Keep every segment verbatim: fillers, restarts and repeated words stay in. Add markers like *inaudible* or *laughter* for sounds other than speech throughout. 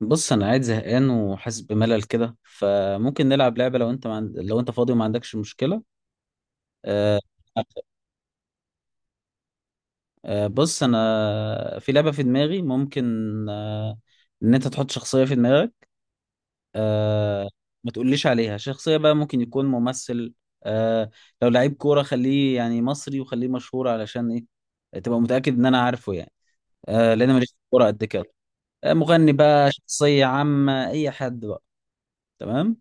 بص، انا قاعد زهقان وحاسس بملل كده، فممكن نلعب لعبه. لو انت ما عند... لو انت فاضي وما عندكش مشكله. آه، آه، بص انا في لعبه في دماغي، ممكن. آه، ان انت تحط شخصيه في دماغك. آه، ما تقوليش عليها، شخصيه بقى، ممكن يكون ممثل. آه، لو لعيب كوره خليه يعني مصري، وخليه مشهور، علشان ايه تبقى متاكد ان انا عارفه يعني. آه، لان أنا ماليش في الكوره قد كده. آه، مغني بقى، شخصيه عامه، اي حد بقى. تمام.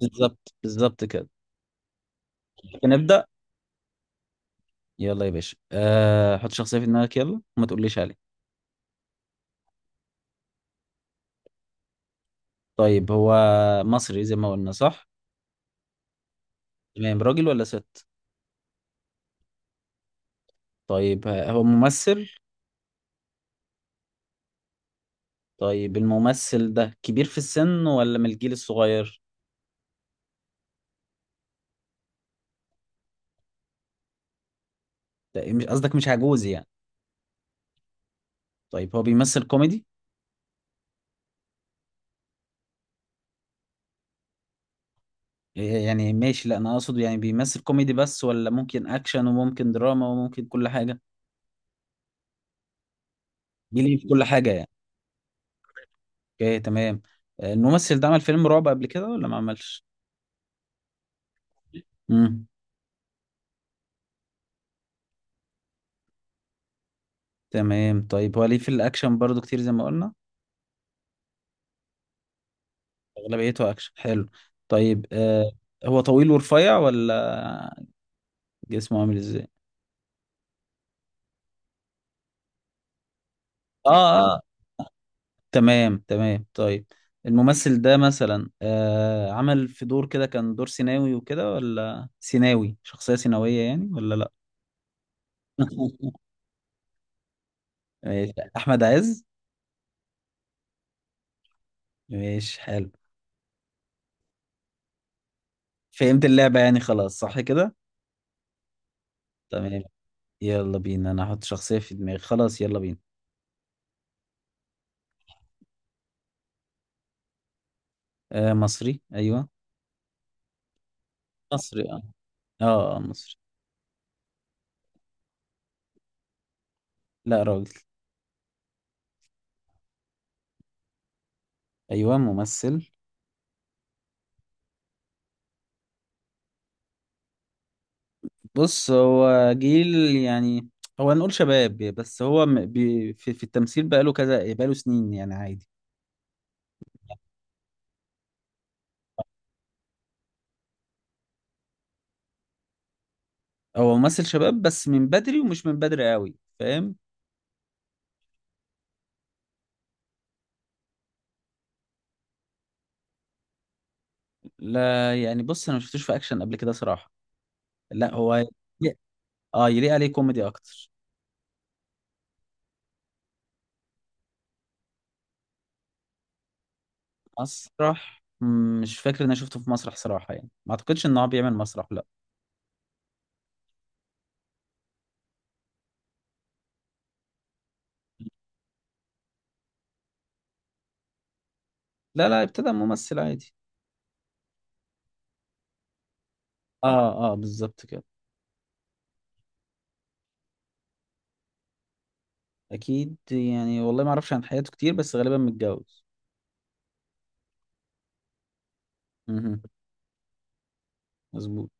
بالظبط بالظبط كده. نبدأ. يلا يا باشا، أه حط شخصية في دماغك، يلا، وما تقوليش عليه. طيب، هو مصري زي ما قلنا، صح؟ تمام. راجل ولا ست؟ طيب، آه، هو ممثل؟ طيب، الممثل ده كبير في السن ولا من الجيل الصغير؟ لا، مش قصدك، مش عجوز يعني. طيب، هو بيمثل كوميدي؟ إيه يعني؟ ماشي، لا انا اقصد يعني بيمثل كوميدي بس، ولا ممكن اكشن وممكن دراما وممكن كل حاجة؟ بيليه في كل حاجة يعني؟ اوكي، تمام. آه، الممثل ده عمل فيلم رعب قبل كده ولا ما عملش؟ مم. تمام، طيب هو ليه في الاكشن برضو كتير زي ما قلنا؟ اغلبيته اكشن، حلو. طيب، آه هو طويل ورفيع، ولا جسمه عامل ازاي؟ اه، اه. آه. تمام، تمام. طيب الممثل ده مثلا آه عمل في دور كده كان دور سيناوي وكده، ولا سيناوي، شخصية سيناوية يعني، ولا لا؟ *laughs* ماشي، احمد عز. ماشي، حلو. فهمت اللعبة يعني، خلاص، صح كده؟ تمام. يلا بينا، انا هحط شخصية في دماغي، خلاص، يلا بينا. آه، مصري، ايوه. مصري، اه. اه. آه، مصري. لا، راجل. ايوه، ممثل. بص، هو جيل يعني. هو نقول شباب، بس هو م- بي في, في التمثيل بقاله كذا، بقاله سنين يعني، عادي. هو ممثل شباب بس من بدري، ومش من بدري قوي، فاهم؟ لا يعني، بص، انا ما شفتوش في اكشن قبل كده صراحة. لا هو يليق- اه، يليق عليه كوميدي اكتر. مسرح، مم، مش فاكر ان انا شفته في مسرح صراحة، يعني ما اعتقدش ان هو بيعمل مسرح، لا. لا لا، ابتدى ممثل عادي. اه اه، بالظبط كده. اكيد يعني، والله ما اعرفش عن حياته كتير، بس غالبا متجوز. امم. مظبوط.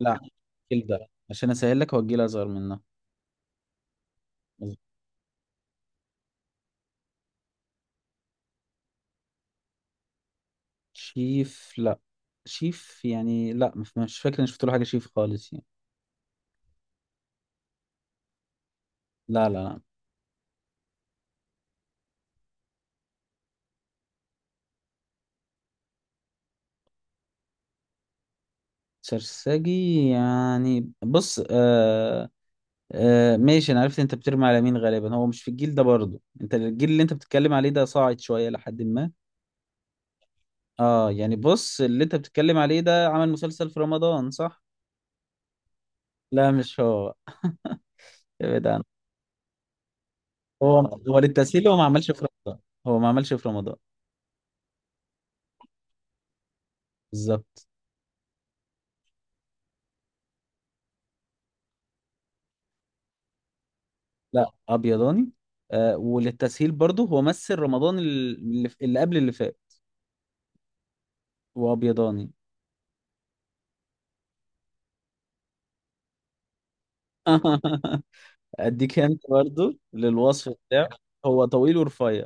لا، كل ده عشان اسهل لك، هو الجيل اصغر منه. مظبوط. شيف؟ لا. شيف يعني؟ لا، مش مش فاكر اني شفت له حاجه شيف خالص يعني. لا لا لا. سرساجي؟ يعني بص، آه آه ماشي، انا عرفت انت بترمي على مين. غالبا هو مش في الجيل ده برضه. انت الجيل اللي انت بتتكلم عليه ده صاعد شويه لحد ما. اه يعني، بص، اللي انت بتتكلم عليه ده عمل مسلسل في رمضان، صح؟ لا، مش هو. ابعد. هو هو للتسهيل، هو ما عملش في رمضان. هو ما عملش في رمضان. بالظبط. لا، ابيضاني. آه، وللتسهيل برضه، هو مثل رمضان اللي, اللي قبل اللي فات. وابيضاني. *laughs* اديك انت برضه للوصف بتاعه. هو طويل ورفيع.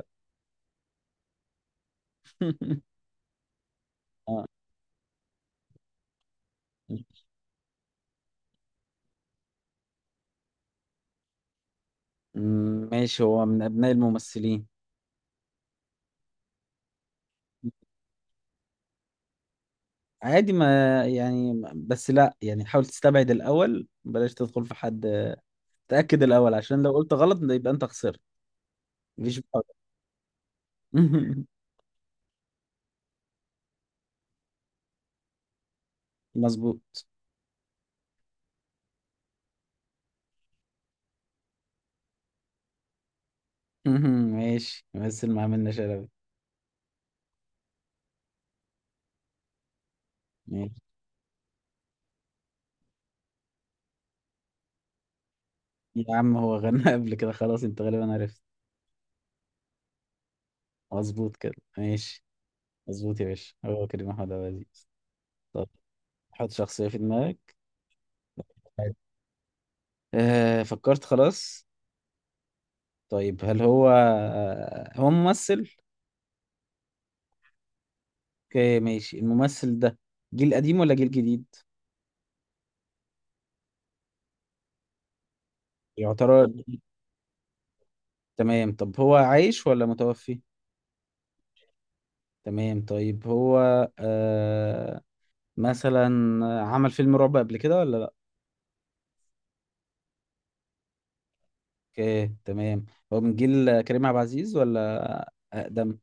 *laughs* آه. م- ماشي، هو من ابناء الممثلين. عادي، ما يعني، بس لا، يعني حاول تستبعد الاول، بلاش تدخل في حد. تاكد الاول عشان لو قلت غلط يبقى انت خسرت. مفيش محاولة. *laughs* مظبوط. مهم. ماشي، مثل ما عملنا شلبي. ماشي يا عم، هو غنى *laughs* قبل كده، خلاص انت غالبا عرفت. مظبوط كده، ماشي. مظبوط يا باشا، هو كريم محمود عبد العزيز. طب حط شخصية في دماغك. آه فكرت، خلاص. طيب، هل هو آه هو ممثل؟ اوكي، ماشي. الممثل ده جيل قديم ولا جيل جديد؟ يعتبر قديم. تمام، طب هو عايش ولا متوفي؟ تمام، طيب هو آه مثلا عمل فيلم رعب قبل كده ولا لا؟ اوكي، تمام. هو من جيل كريم عبد العزيز ولا اقدم؟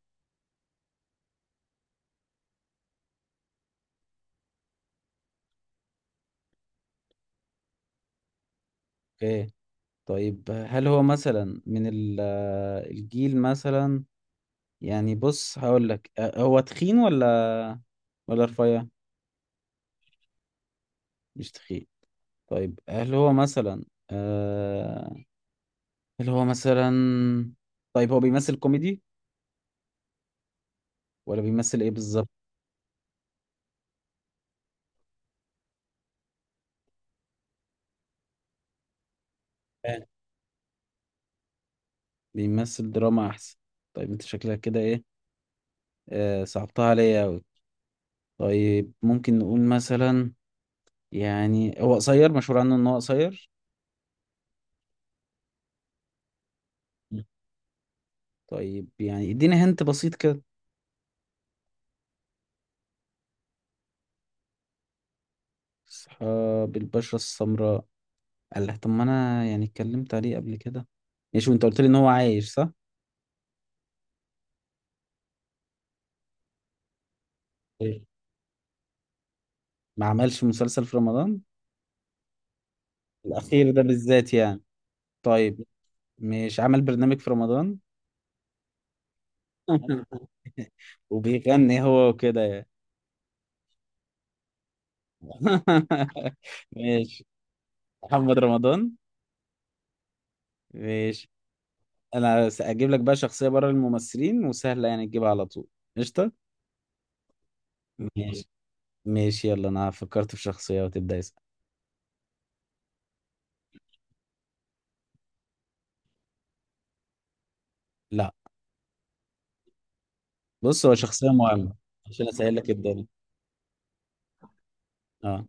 اوكي، طيب، هل هو مثلا من ال- الجيل مثلا، يعني بص، هقول لك، أه، هو تخين ولا ولا رفيع؟ مش تخين. طيب هل هو مثلا آه هل هو مثلا طيب، هو بيمثل كوميدي ولا بيمثل ايه بالظبط؟ آه، بيمثل دراما احسن؟ طيب، انت شكلك كده ايه. آه صعبتها عليا اوي. طيب، ممكن نقول مثلا يعني هو قصير، مشهور عنه ان هو قصير؟ طيب يعني، اديني هنت بسيط كده. اصحاب البشرة السمراء؟ قال لك. طب، ما انا يعني اتكلمت عليه قبل كده. ماشي، وانت قلت لي ان هو عايش، صح؟ إيه. ما عملش مسلسل في رمضان الاخير ده بالذات، يعني؟ طيب، مش عمل برنامج في رمضان؟ *laughs* وبيغني هو وكده يعني. *laughs* ماشي، محمد رمضان. ماشي. انا هجيب لك بقى شخصية بره الممثلين، وسهلة يعني تجيبها على طول. قشطة. ماشي ماشي، يلا انا فكرت في شخصية، وتبدأ اسأل. لا، بص هو شخصية مهمة، عشان اسهل لك الدنيا. اه.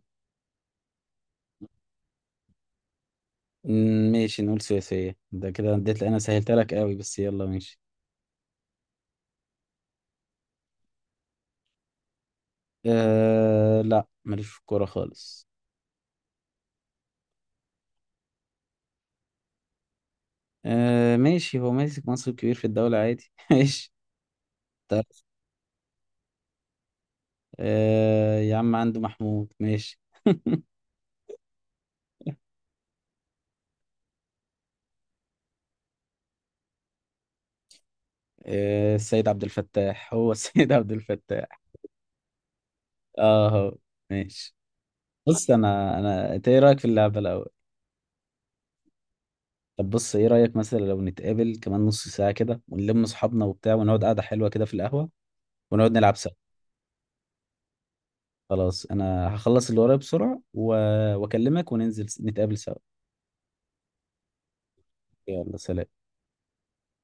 م- ماشي، نقول سياسية، ده كده اديت، انا سهلت لك قوي، بس يلا ماشي. آه، لا ماليش في الكورة خالص. آه، ماشي، هو ماسك منصب كبير في الدولة عادي. *laughs* ماشي. طب. آه، يا عم عنده محمود، ماشي. آه، السيد عبد الفتاح، هو السيد *laughs* عبد الفتاح. اه، هو. ماشي. بص، انا انا انت ايه رايك في اللعبة الاول؟ طب بص، ايه رأيك مثلا لو نتقابل كمان نص ساعة كده، ونلم اصحابنا وبتاع، ونقعد قعدة حلوة كده في القهوة، ونقعد نلعب سوا؟ خلاص، انا هخلص اللي ورايا بسرعة و... واكلمك، وننزل نتقابل سوا. يلا، سلام.